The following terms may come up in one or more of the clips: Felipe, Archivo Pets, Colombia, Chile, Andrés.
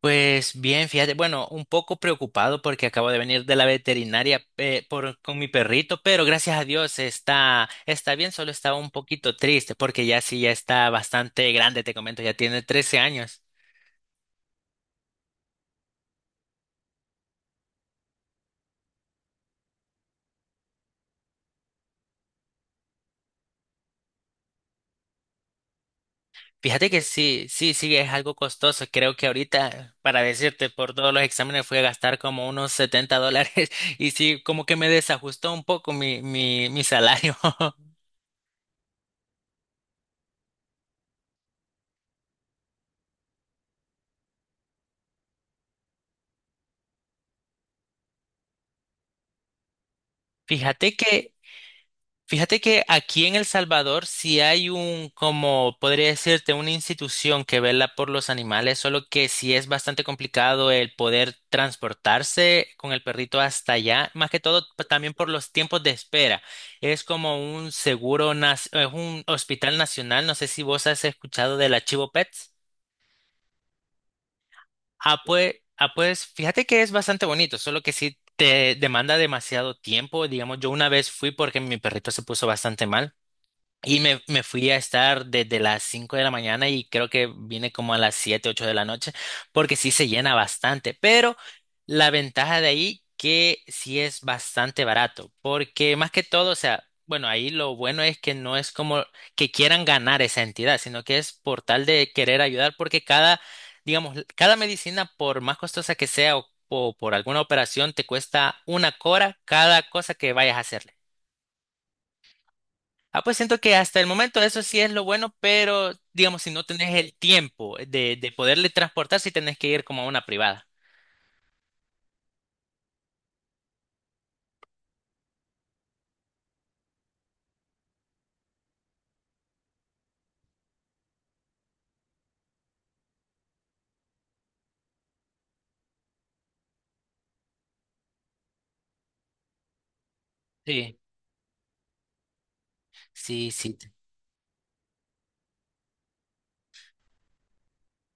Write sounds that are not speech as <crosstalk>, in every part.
Pues bien, fíjate, bueno, un poco preocupado porque acabo de venir de la veterinaria, con mi perrito, pero gracias a Dios está bien, solo estaba un poquito triste porque ya sí, ya está bastante grande, te comento, ya tiene 13 años. Fíjate que sí, sí, sí, es algo costoso. Creo que ahorita, para decirte, por todos los exámenes fui a gastar como unos $70 <laughs> y sí, como que me desajustó un poco mi salario. <laughs> Fíjate que Fíjate que aquí en El Salvador sí hay un, como podría decirte, una institución que vela por los animales, solo que sí es bastante complicado el poder transportarse con el perrito hasta allá, más que todo también por los tiempos de espera. Es como un seguro, es un hospital nacional, no sé si vos has escuchado del Archivo Pets. Ah, pues, fíjate que es bastante bonito, solo que sí te demanda demasiado tiempo. Digamos, yo una vez fui porque mi perrito se puso bastante mal. Y me fui a estar desde las 5 de la mañana y creo que vine como a las 7 8 de la noche, porque sí se llena bastante. Pero la ventaja de ahí que sí es bastante barato, porque más que todo, o sea, bueno, ahí lo bueno es que no es como que quieran ganar esa entidad, sino que es por tal de querer ayudar, porque cada, digamos, cada medicina, por más costosa que sea o por alguna operación, te cuesta una cora cada cosa que vayas a hacer. Ah, pues siento que hasta el momento eso sí es lo bueno, pero digamos, si no tenés el tiempo de poderle transportar, si tenés que ir como a una privada. Sí, sí, sí.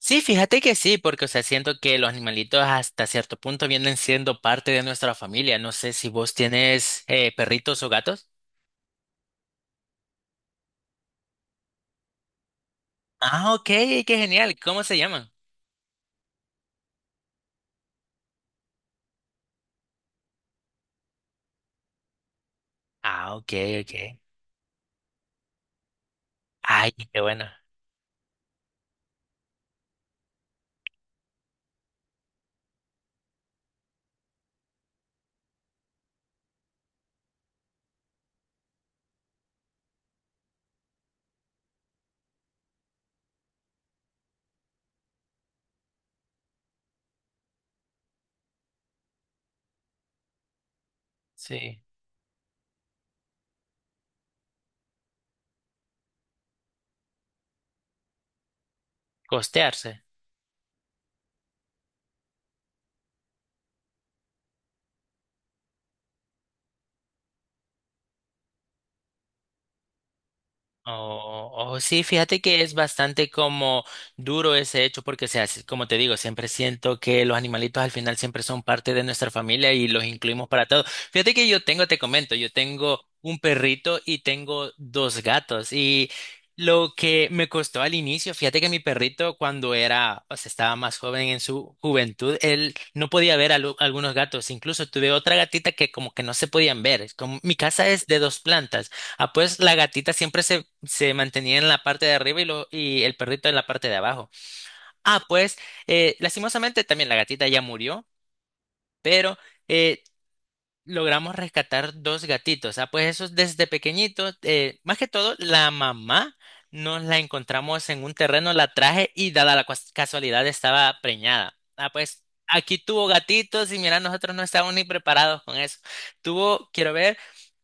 Sí, fíjate que sí, porque, o sea, siento que los animalitos hasta cierto punto vienen siendo parte de nuestra familia. No sé si vos tienes, perritos o gatos. Ah, ok, qué genial. ¿Cómo se llaman? Ah, ok, ok. Ay, qué bueno. Sí. Costearse. Oh, oh, oh, sí, fíjate que es bastante como duro ese hecho porque, o sea, como te digo, siempre siento que los animalitos al final siempre son parte de nuestra familia y los incluimos para todo. Fíjate que yo tengo, te comento, yo tengo un perrito y tengo dos gatos, y lo que me costó al inicio, fíjate que mi perrito cuando era, o sea, estaba más joven en su juventud, él no podía ver a algunos gatos, incluso tuve otra gatita que como que no se podían ver. Es como, mi casa es de dos plantas. Ah, pues la gatita siempre se mantenía en la parte de arriba, y lo, y el perrito en la parte de abajo. Ah, pues lastimosamente también la gatita ya murió, pero eh, logramos rescatar dos gatitos. Ah, pues esos desde pequeñitos, más que todo la mamá nos la encontramos en un terreno, la traje y dada la casualidad estaba preñada. Ah, pues aquí tuvo gatitos y mira, nosotros no estábamos ni preparados con eso. Tuvo, quiero ver.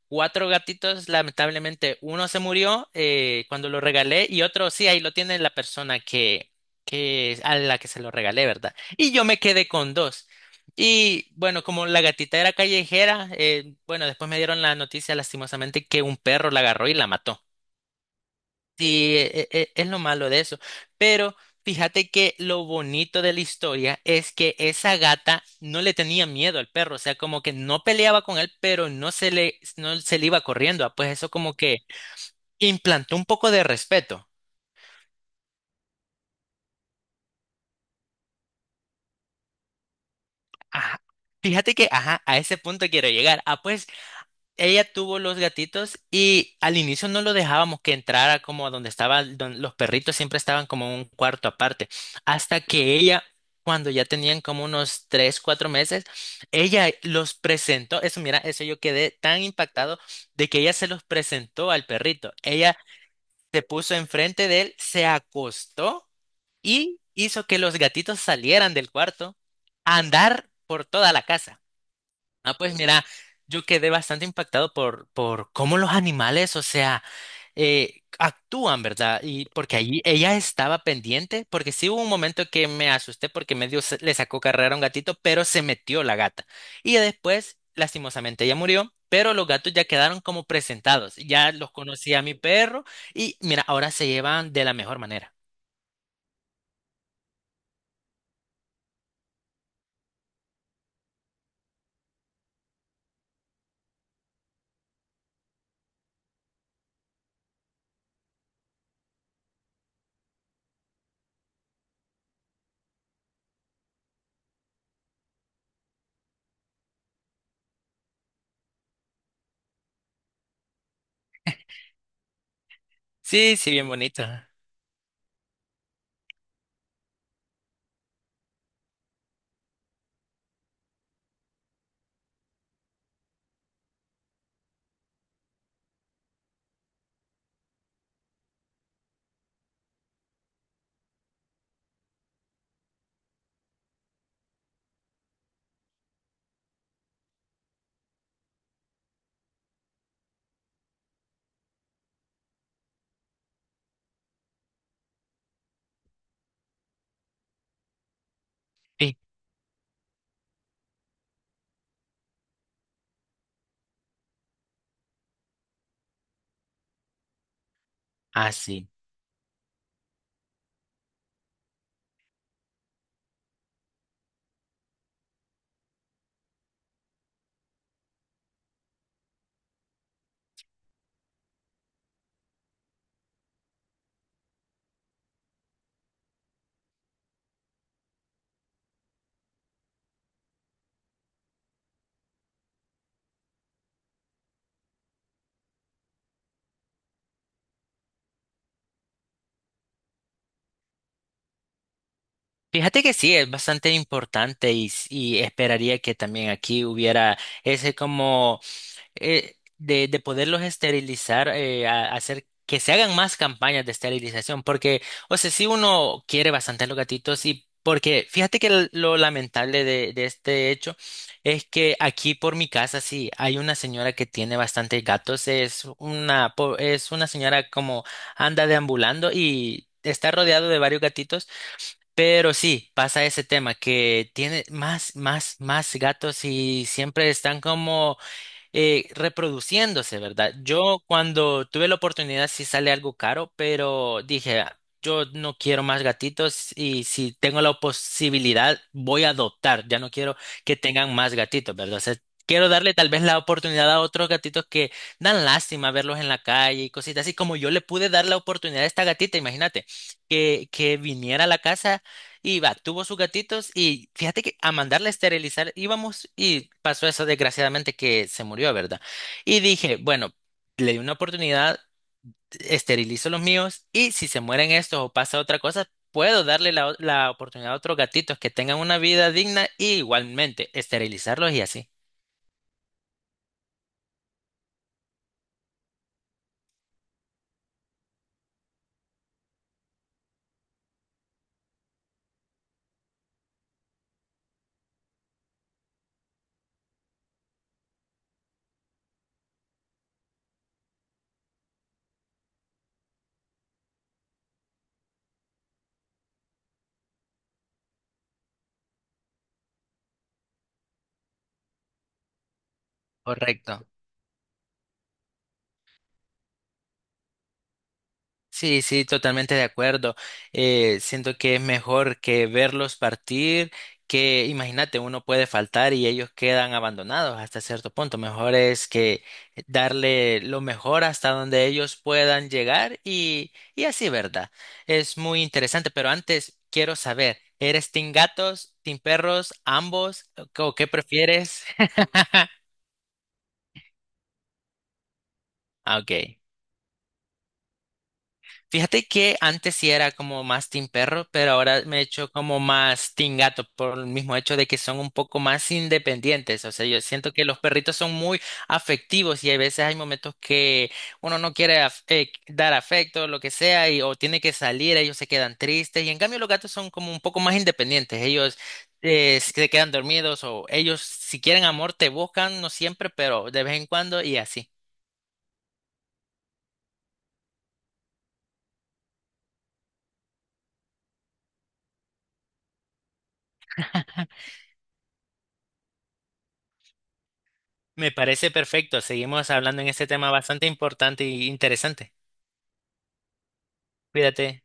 Cuatro gatitos, lamentablemente, uno se murió cuando lo regalé y otro sí, ahí lo tiene la persona que a la que se lo regalé, ¿verdad? Y yo me quedé con dos. Y bueno, como la gatita era callejera, bueno, después me dieron la noticia lastimosamente que un perro la agarró y la mató. Sí, es lo malo de eso. Pero fíjate que lo bonito de la historia es que esa gata no le tenía miedo al perro, o sea, como que no peleaba con él, pero no se le iba corriendo. Ah, pues eso como que implantó un poco de respeto. Ajá. Fíjate que, ajá, a ese punto quiero llegar. Ah, pues ella tuvo los gatitos y al inicio no lo dejábamos que entrara como a donde estaban los perritos, siempre estaban como en un cuarto aparte. Hasta que ella, cuando ya tenían como unos 3, 4 meses, ella los presentó. Eso, mira, eso yo quedé tan impactado de que ella se los presentó al perrito. Ella se puso enfrente de él, se acostó y hizo que los gatitos salieran del cuarto a andar por toda la casa. Ah, pues mira, yo quedé bastante impactado por cómo los animales, o sea, actúan, ¿verdad? Y porque allí ella estaba pendiente, porque sí hubo un momento que me asusté porque medio le sacó carrera a un gatito, pero se metió la gata. Y ya después, lastimosamente, ella murió, pero los gatos ya quedaron como presentados. Ya los conocía mi perro y mira, ahora se llevan de la mejor manera. Sí, sí, bien bonito. Sí, así. Fíjate que sí, es bastante importante y, y esperaría que también aquí hubiera ese como, de poderlos esterilizar, hacer que se hagan más campañas de esterilización, porque, o sea, si uno quiere bastante los gatitos y porque fíjate que lo lamentable de este hecho es que aquí por mi casa sí hay una señora que tiene bastantes gatos, es una, es una señora como anda deambulando y está rodeado de varios gatitos. Pero sí, pasa ese tema que tiene más gatos y siempre están como reproduciéndose, ¿verdad? Yo cuando tuve la oportunidad sí sale algo caro, pero dije, "Ah, yo no quiero más gatitos y si tengo la posibilidad voy a adoptar, ya no quiero que, tengan más gatitos, ¿verdad? O sea, quiero darle tal vez la oportunidad a otros gatitos que dan lástima verlos en la calle y cositas así como yo le pude dar la oportunidad a esta gatita, imagínate, que viniera a la casa. Y va, tuvo sus gatitos y fíjate que a mandarla a esterilizar íbamos y pasó eso desgraciadamente que se murió, ¿verdad? Y dije, bueno, le di una oportunidad, esterilizo los míos y si se mueren estos o pasa otra cosa, puedo darle la, la oportunidad a otros gatitos que tengan una vida digna y igualmente esterilizarlos y así. Correcto. Sí, sí, totalmente de acuerdo. Siento que es mejor que verlos partir, que imagínate, uno puede faltar y ellos quedan abandonados hasta cierto punto. Mejor es que darle lo mejor hasta donde ellos puedan llegar y así, ¿verdad? Es muy interesante, pero antes quiero saber, ¿eres team gatos, team perros, ambos o qué prefieres? <laughs> Ah, ok. Fíjate que antes sí era como más team perro, pero ahora me he hecho como más team gato por el mismo hecho de que son un poco más independientes. O sea, yo siento que los perritos son muy afectivos y hay veces hay momentos que uno no quiere dar afecto, lo que sea, y, o tiene que salir, ellos se quedan tristes. Y en cambio los gatos son como un poco más independientes. Ellos se quedan dormidos o ellos si quieren amor te buscan, no siempre, pero de vez en cuando y así. Me parece perfecto. Seguimos hablando en este tema bastante importante e interesante. Cuídate.